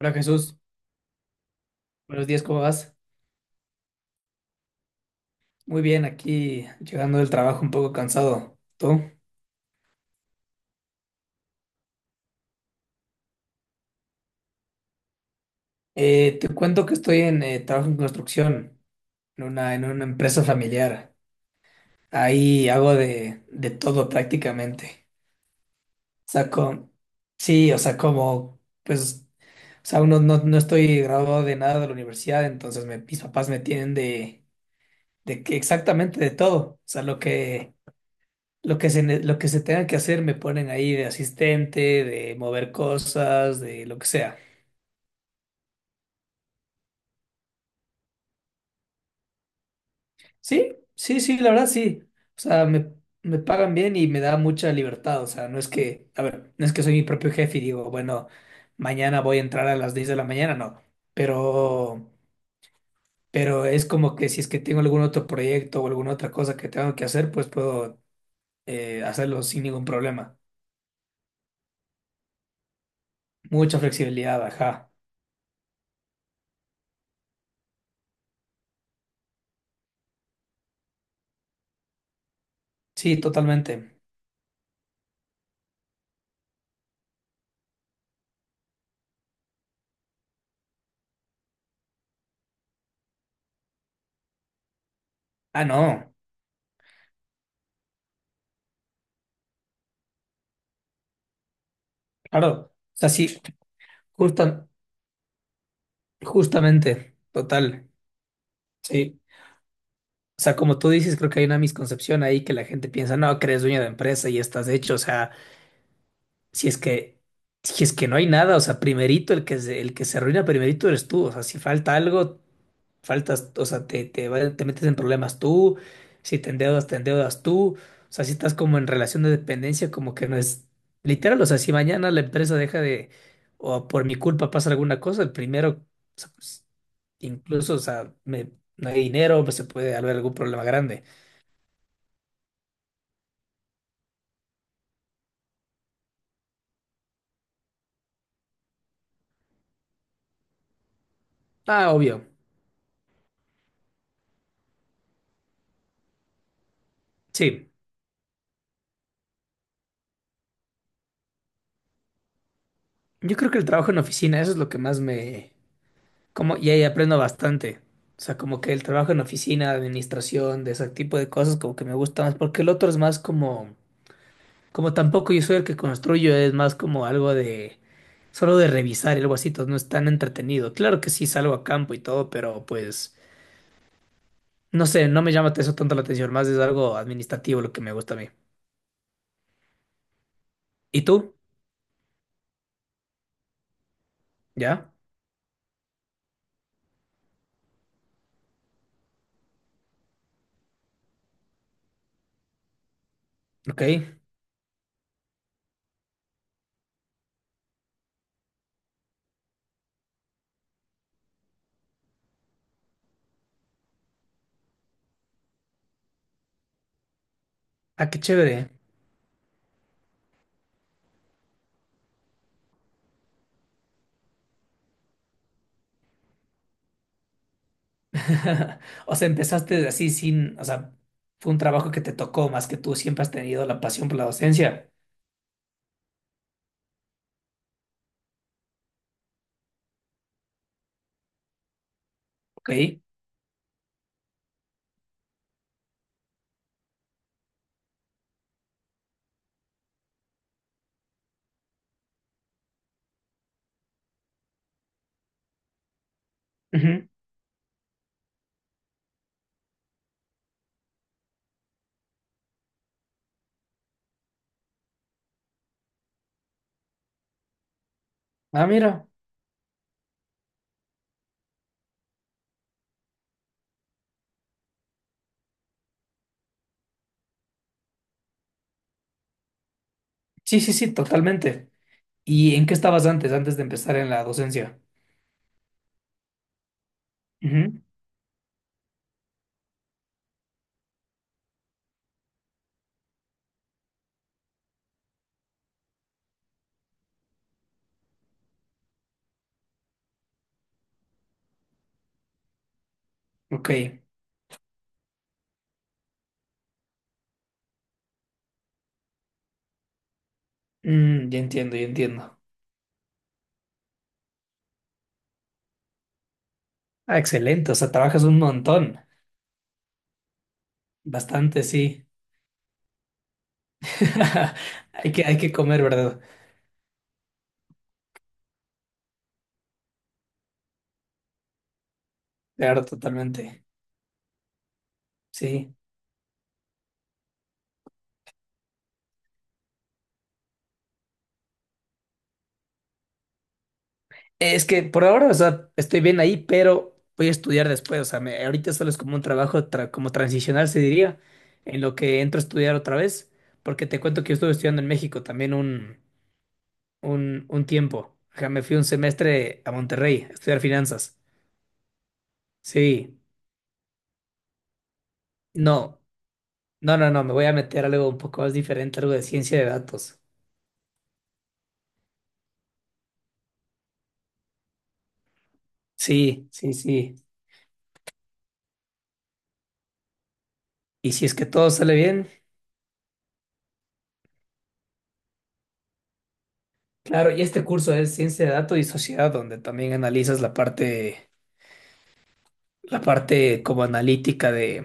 Hola Jesús, buenos días, ¿cómo vas? Muy bien, aquí llegando del trabajo un poco cansado. ¿Tú? Te cuento que estoy en trabajo en construcción, en una empresa familiar. Ahí hago de todo prácticamente. Saco, sí, o sea, como, pues, o sea, uno no, no estoy graduado de nada de la universidad, entonces mis papás me tienen de que exactamente de todo. O sea, lo que lo que se tenga que hacer me ponen ahí de asistente, de mover cosas, de lo que sea. Sí, sí, sí, la verdad sí. O sea, me pagan bien y me da mucha libertad. O sea, no es que, a ver, no es que soy mi propio jefe y digo, bueno, mañana voy a entrar a las 10 de la mañana, no. Pero, pero es como que si es que tengo algún otro proyecto o alguna otra cosa que tengo que hacer, pues puedo hacerlo sin ningún problema. Mucha flexibilidad, ajá. Sí, totalmente. Ah, no, claro. O sea, sí. Justa- justamente, total, sí. O sea, como tú dices, creo que hay una misconcepción ahí que la gente piensa, no, que eres dueño de empresa y estás hecho. O sea, si es que, si es que no hay nada, o sea, primerito el que se arruina primerito eres tú. O sea, si falta algo, faltas, o sea, te metes en problemas tú, si te endeudas, te endeudas tú. O sea, si estás como en relación de dependencia, como que no es literal. O sea, si mañana la empresa deja de, o por mi culpa pasa alguna cosa, el primero. Incluso, o sea, no hay dinero, pues se puede haber algún problema grande. Ah, obvio. Sí, yo creo que el trabajo en oficina, eso es lo que más me... Como, y ahí aprendo bastante. O sea, como que el trabajo en oficina, administración, de ese tipo de cosas, como que me gusta más, porque el otro es más como, como tampoco yo soy el que construyo, es más como algo de, solo de revisar y algo así, entonces no es tan entretenido. Claro que sí salgo a campo y todo, pero pues, no sé, no me llama eso tanto la atención, más es algo administrativo lo que me gusta a mí. ¿Y tú? ¿Ya? Ok, ah, qué chévere. O sea, empezaste así sin, o sea, fue un trabajo que te tocó más que tú siempre has tenido la pasión por la docencia. Ok. Ujú. Ah, mira. Sí, sí, sí, totalmente. ¿Y en qué estabas antes, antes de empezar en la docencia? Ujú. Ok. Mm, ya entiendo, ya entiendo. Ah, excelente. O sea, trabajas un montón. Bastante, sí. Hay que comer, ¿verdad? Claro, totalmente. Sí. Es que por ahora, o sea, estoy bien ahí, pero voy a estudiar después. O sea, ahorita solo es como un trabajo, como transicional, se diría, en lo que entro a estudiar otra vez, porque te cuento que yo estuve estudiando en México también un tiempo. Ajá, me fui un semestre a Monterrey a estudiar finanzas. Sí, no, no, me voy a meter a algo un poco más diferente, algo de ciencia de datos. Sí, sí, sí. Y si es que todo sale bien, claro, y este curso es ciencia de datos y sociedad, donde también analizas la parte como analítica de,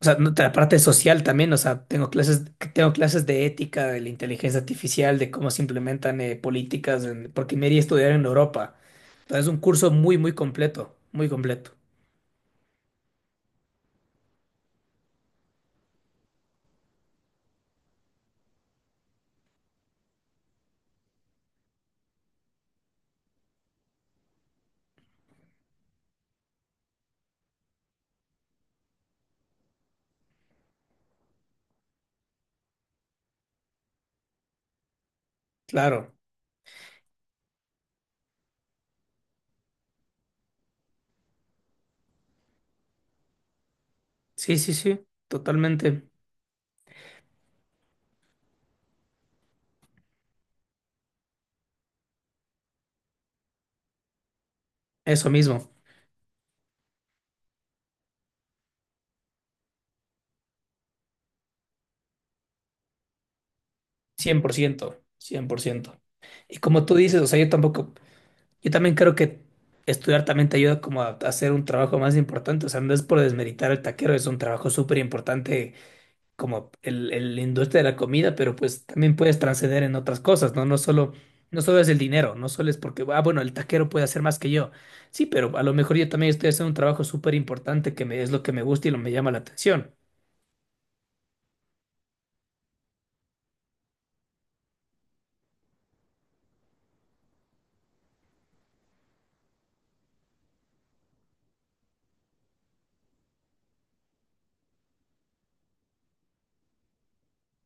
o sea, no, la parte social también, o sea, tengo clases de ética, de la inteligencia artificial, de cómo se implementan políticas, porque me iría a estudiar en Europa. Entonces, es un curso muy, muy completo, muy completo. Claro, sí, sí, sí, totalmente, eso mismo, 100%, 100%. Y como tú dices, o sea, yo tampoco, yo también creo que estudiar también te ayuda como a hacer un trabajo más importante, o sea, no es por desmeritar el taquero, es un trabajo súper importante como la industria de la comida, pero pues también puedes trascender en otras cosas, ¿no? No solo, no solo es el dinero, no solo es porque, ah, bueno, el taquero puede hacer más que yo. Sí, pero a lo mejor yo también estoy haciendo un trabajo súper importante que me, es lo que me gusta y lo me llama la atención.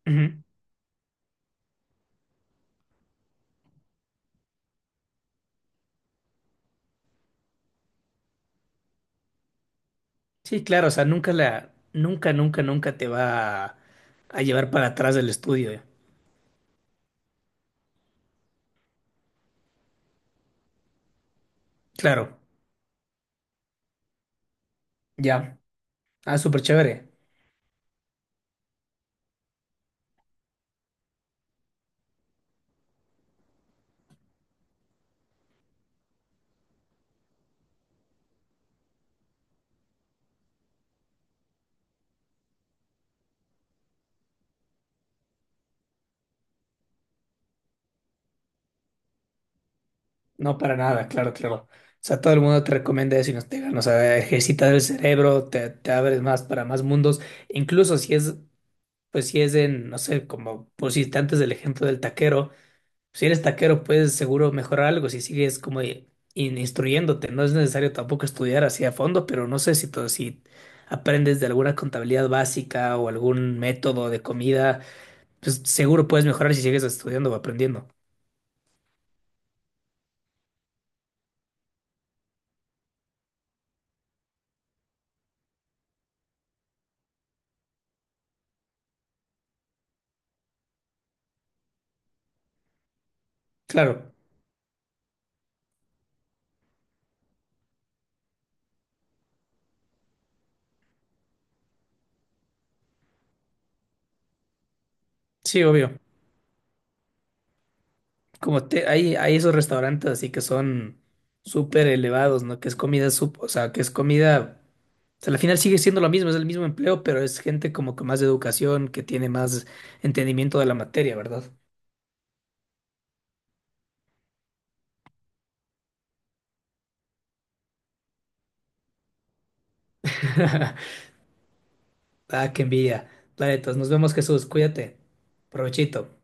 Ujú. Sí, claro, o sea, nunca, nunca, nunca te va a llevar para atrás del estudio. Claro, ya. Ah, súper chévere. No, para nada, claro, claro. O sea, todo el mundo te recomienda eso y nos digan, o sea, ejercitas el cerebro, te abres más para más mundos. Incluso si es, pues si es en, no sé, como pusiste antes del ejemplo del taquero, si eres taquero puedes seguro mejorar algo si sigues como instruyéndote. No es necesario tampoco estudiar así a fondo, pero no sé si todo, si aprendes de alguna contabilidad básica o algún método de comida, pues seguro puedes mejorar si sigues estudiando o aprendiendo. Claro, sí, obvio. Como te, hay esos restaurantes así que son súper elevados, ¿no? Que es comida, o sea, que es comida, o sea, al final sigue siendo lo mismo, es el mismo empleo, pero es gente como con más educación, que tiene más entendimiento de la materia, ¿verdad? Ah, qué envidia. Planetas, nos vemos, Jesús, cuídate. Provechito.